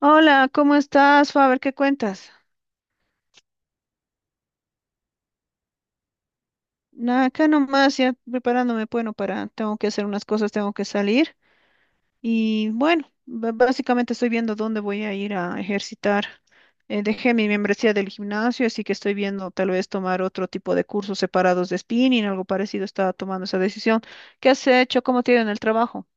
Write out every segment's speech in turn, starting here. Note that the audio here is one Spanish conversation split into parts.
Hola, ¿cómo estás, Faber? ¿Qué cuentas? Nada, acá nomás ya preparándome, bueno, para, tengo que hacer unas cosas, tengo que salir. Y bueno, básicamente estoy viendo dónde voy a ir a ejercitar. Dejé mi membresía del gimnasio, así que estoy viendo tal vez tomar otro tipo de cursos separados de spinning, algo parecido, estaba tomando esa decisión. ¿Qué has hecho? ¿Cómo te ha ido en el trabajo?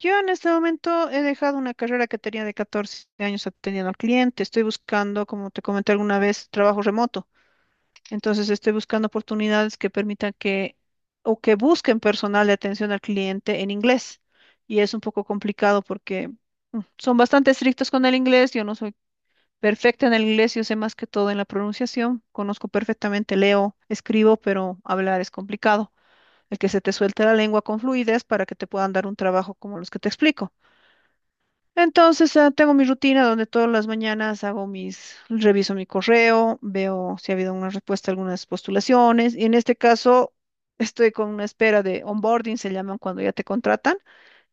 Yo en este momento he dejado una carrera que tenía de 14 años atendiendo al cliente. Estoy buscando, como te comenté alguna vez, trabajo remoto. Entonces estoy buscando oportunidades que permitan que o que busquen personal de atención al cliente en inglés. Y es un poco complicado porque son bastante estrictos con el inglés. Yo no soy perfecta en el inglés, yo sé más que todo en la pronunciación. Conozco perfectamente, leo, escribo, pero hablar es complicado. El que se te suelte la lengua con fluidez para que te puedan dar un trabajo como los que te explico. Entonces, tengo mi rutina donde todas las mañanas hago mis, reviso mi correo, veo si ha habido una respuesta a algunas postulaciones y en este caso estoy con una espera de onboarding, se llaman cuando ya te contratan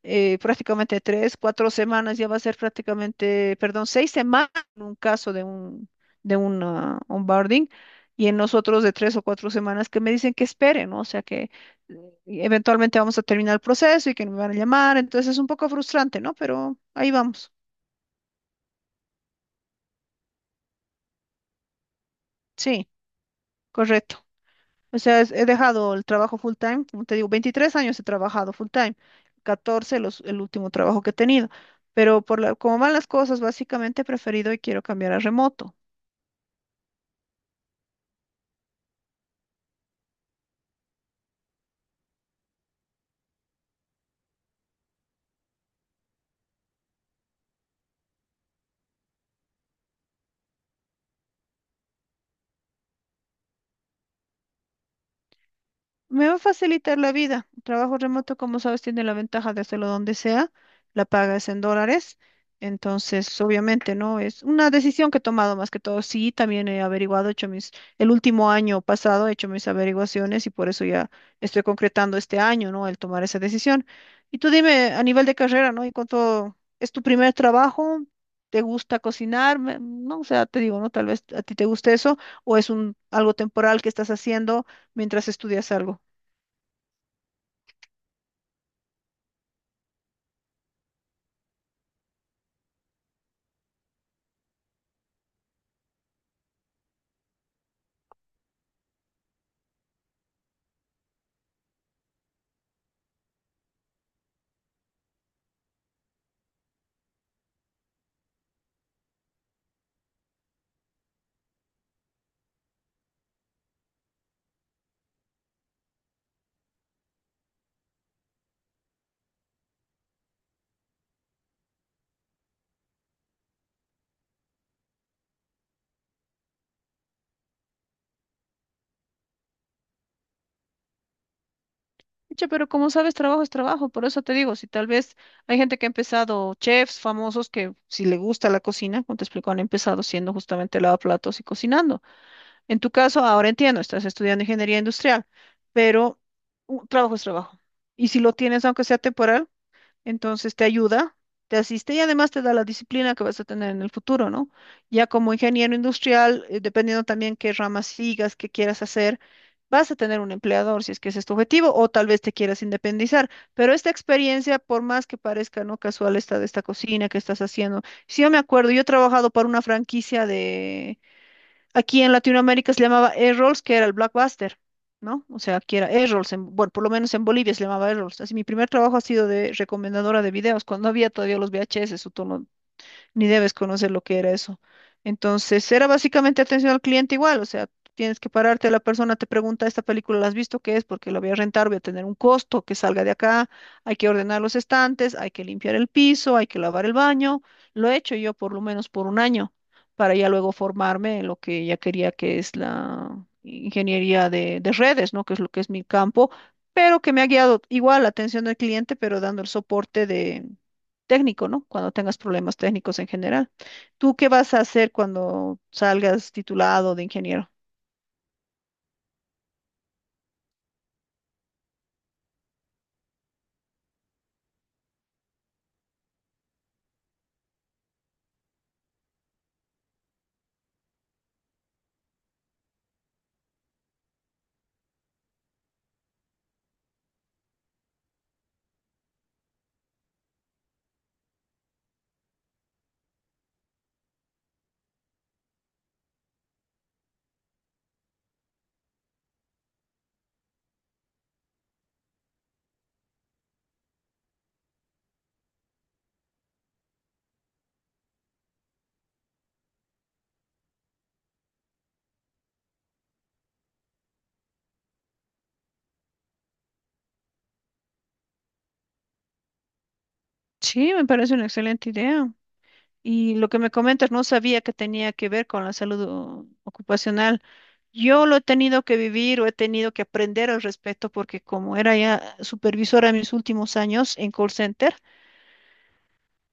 prácticamente tres, cuatro semanas, ya va a ser prácticamente, perdón, seis semanas en un caso de un onboarding y en nosotros de tres o cuatro semanas que me dicen que esperen, ¿no? O sea que eventualmente vamos a terminar el proceso y que me van a llamar, entonces es un poco frustrante, ¿no? Pero ahí vamos, sí, correcto. O sea, he dejado el trabajo full time, como te digo, 23 años he trabajado full time, 14 los, el último trabajo que he tenido, pero por la, como van las cosas, básicamente he preferido y quiero cambiar a remoto. Me va a facilitar la vida. El trabajo remoto, como sabes, tiene la ventaja de hacerlo donde sea. La paga es en dólares. Entonces, obviamente, ¿no? Es una decisión que he tomado más que todo. Sí, también he averiguado, he hecho mis, el último año pasado he hecho mis averiguaciones y por eso ya estoy concretando este año, ¿no? El tomar esa decisión. Y tú dime, a nivel de carrera, ¿no? ¿Y cuánto es tu primer trabajo? ¿Te gusta cocinar? No, o sea, te digo, ¿no? Tal vez a ti te guste eso o es un algo temporal que estás haciendo mientras estudias algo. Pucha, pero como sabes, trabajo es trabajo, por eso te digo, si tal vez hay gente que ha empezado, chefs famosos que si le gusta la cocina, como te explico, han empezado siendo justamente lavaplatos y cocinando. En tu caso, ahora entiendo, estás estudiando ingeniería industrial, pero un trabajo es trabajo. Y si lo tienes, aunque sea temporal, entonces te ayuda, te asiste y además te da la disciplina que vas a tener en el futuro, ¿no? Ya como ingeniero industrial, dependiendo también qué ramas sigas, qué quieras hacer, vas a tener un empleador si es que ese es tu objetivo o tal vez te quieras independizar. Pero esta experiencia, por más que parezca no casual esta de esta cocina que estás haciendo, si yo me acuerdo, yo he trabajado para una franquicia aquí en Latinoamérica, se llamaba Errols, que era el Blockbuster, ¿no? O sea, aquí era Errols, bueno, por lo menos en Bolivia se llamaba Errols. Así, mi primer trabajo ha sido de recomendadora de videos, cuando había todavía los VHS, o todo, ni debes conocer lo que era eso. Entonces, era básicamente atención al cliente igual, o sea, tienes que pararte, la persona te pregunta, ¿esta película la has visto? ¿Qué es? Porque la voy a rentar, voy a tener un costo que salga de acá, hay que ordenar los estantes, hay que limpiar el piso, hay que lavar el baño. Lo he hecho yo por lo menos por un año, para ya luego formarme en lo que ya quería, que es la ingeniería de redes, ¿no? Que es lo que es mi campo, pero que me ha guiado igual la atención al cliente, pero dando el soporte de técnico, ¿no? Cuando tengas problemas técnicos en general. ¿Tú qué vas a hacer cuando salgas titulado de ingeniero? Sí, me parece una excelente idea. Y lo que me comentas, no sabía que tenía que ver con la salud ocupacional. Yo lo he tenido que vivir o he tenido que aprender al respecto porque como era ya supervisora en mis últimos años en call center,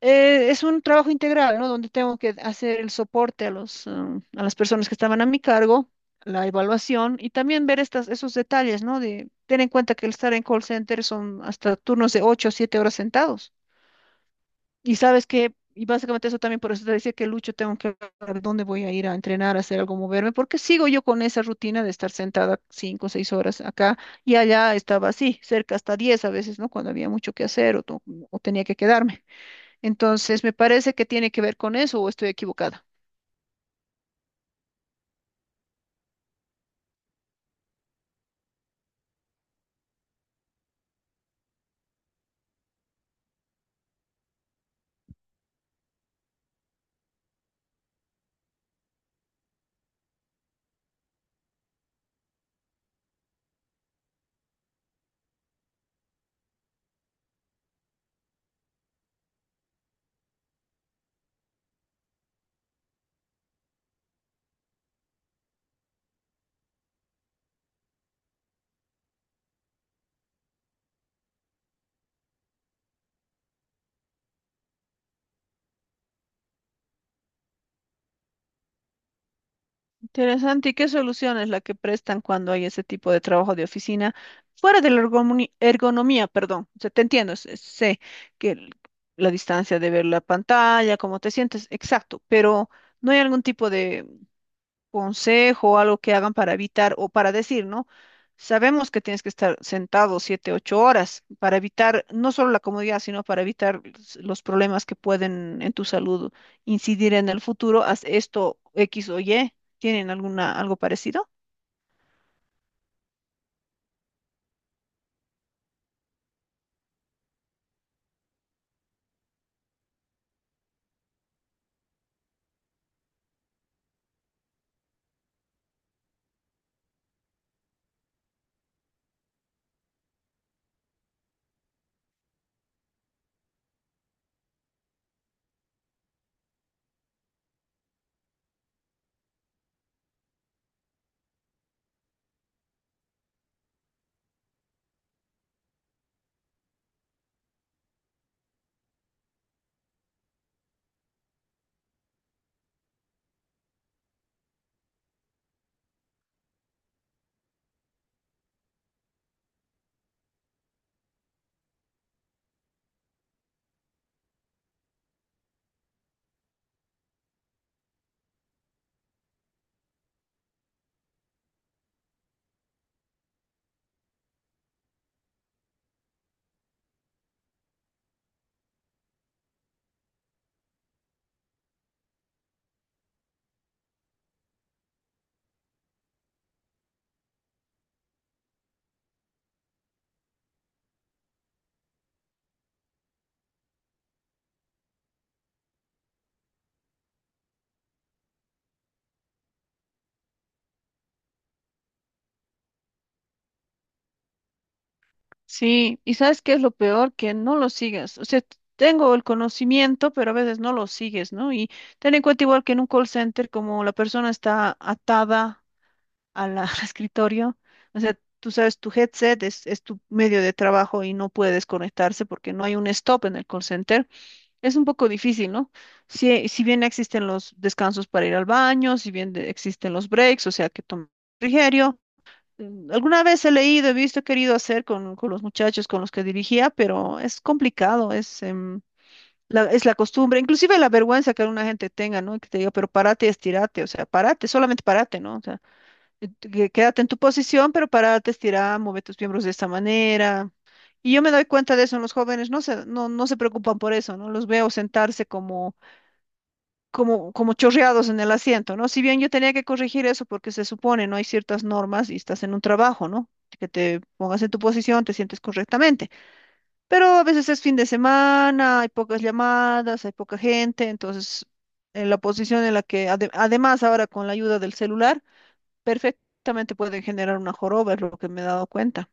es un trabajo integral, ¿no? Donde tengo que hacer el soporte a los, a las personas que estaban a mi cargo, la evaluación y también ver estas, esos detalles, ¿no? De tener en cuenta que el estar en call center son hasta turnos de 8 o 7 horas sentados. Y sabes que, y básicamente eso también por eso te decía que Lucho tengo que ver dónde voy a ir a entrenar, a hacer algo, moverme, porque sigo yo con esa rutina de estar sentada 5 o 6 horas acá y allá estaba así, cerca hasta 10 a veces, ¿no? Cuando había mucho que hacer o, o tenía que quedarme. Entonces, me parece que tiene que ver con eso o estoy equivocada. Interesante. ¿Y qué solución es la que prestan cuando hay ese tipo de trabajo de oficina? Fuera de la ergonomía, perdón. O sea, te entiendo, sé que la distancia de ver la pantalla, cómo te sientes, exacto, pero ¿no hay algún tipo de consejo, algo que hagan para evitar o para decir, ¿no? Sabemos que tienes que estar sentado siete, ocho horas para evitar no solo la comodidad, sino para evitar los problemas que pueden en tu salud incidir en el futuro. Haz esto X o Y. ¿Tienen alguna algo parecido? Sí, y ¿sabes qué es lo peor? Que no lo sigas. O sea, tengo el conocimiento, pero a veces no lo sigues, ¿no? Y ten en cuenta igual que en un call center, como la persona está atada al escritorio. O sea, tú sabes, es tu medio de trabajo y no puede desconectarse porque no hay un stop en el call center. Es un poco difícil, ¿no? Si, si bien existen los descansos para ir al baño, si bien existen los breaks, o sea, que tomas refrigerio. Alguna vez he leído, he visto, he querido hacer con los muchachos con los que dirigía, pero es complicado, es, la, es la costumbre, inclusive la vergüenza que alguna gente tenga, ¿no? Que te diga, pero párate, y estirate, o sea, párate, solamente párate, ¿no? O sea, quédate en tu posición, pero párate, estira, mueve tus miembros de esta manera. Y yo me doy cuenta de eso en los jóvenes, no se, no, no se preocupan por eso, ¿no? Los veo sentarse como, como, como chorreados en el asiento, ¿no? Si bien yo tenía que corregir eso porque se supone, ¿no? Hay ciertas normas y estás en un trabajo, ¿no? Que te pongas en tu posición, te sientes correctamente. Pero a veces es fin de semana, hay pocas llamadas, hay poca gente, entonces en la posición en la que, además ahora con la ayuda del celular, perfectamente pueden generar una joroba, es lo que me he dado cuenta.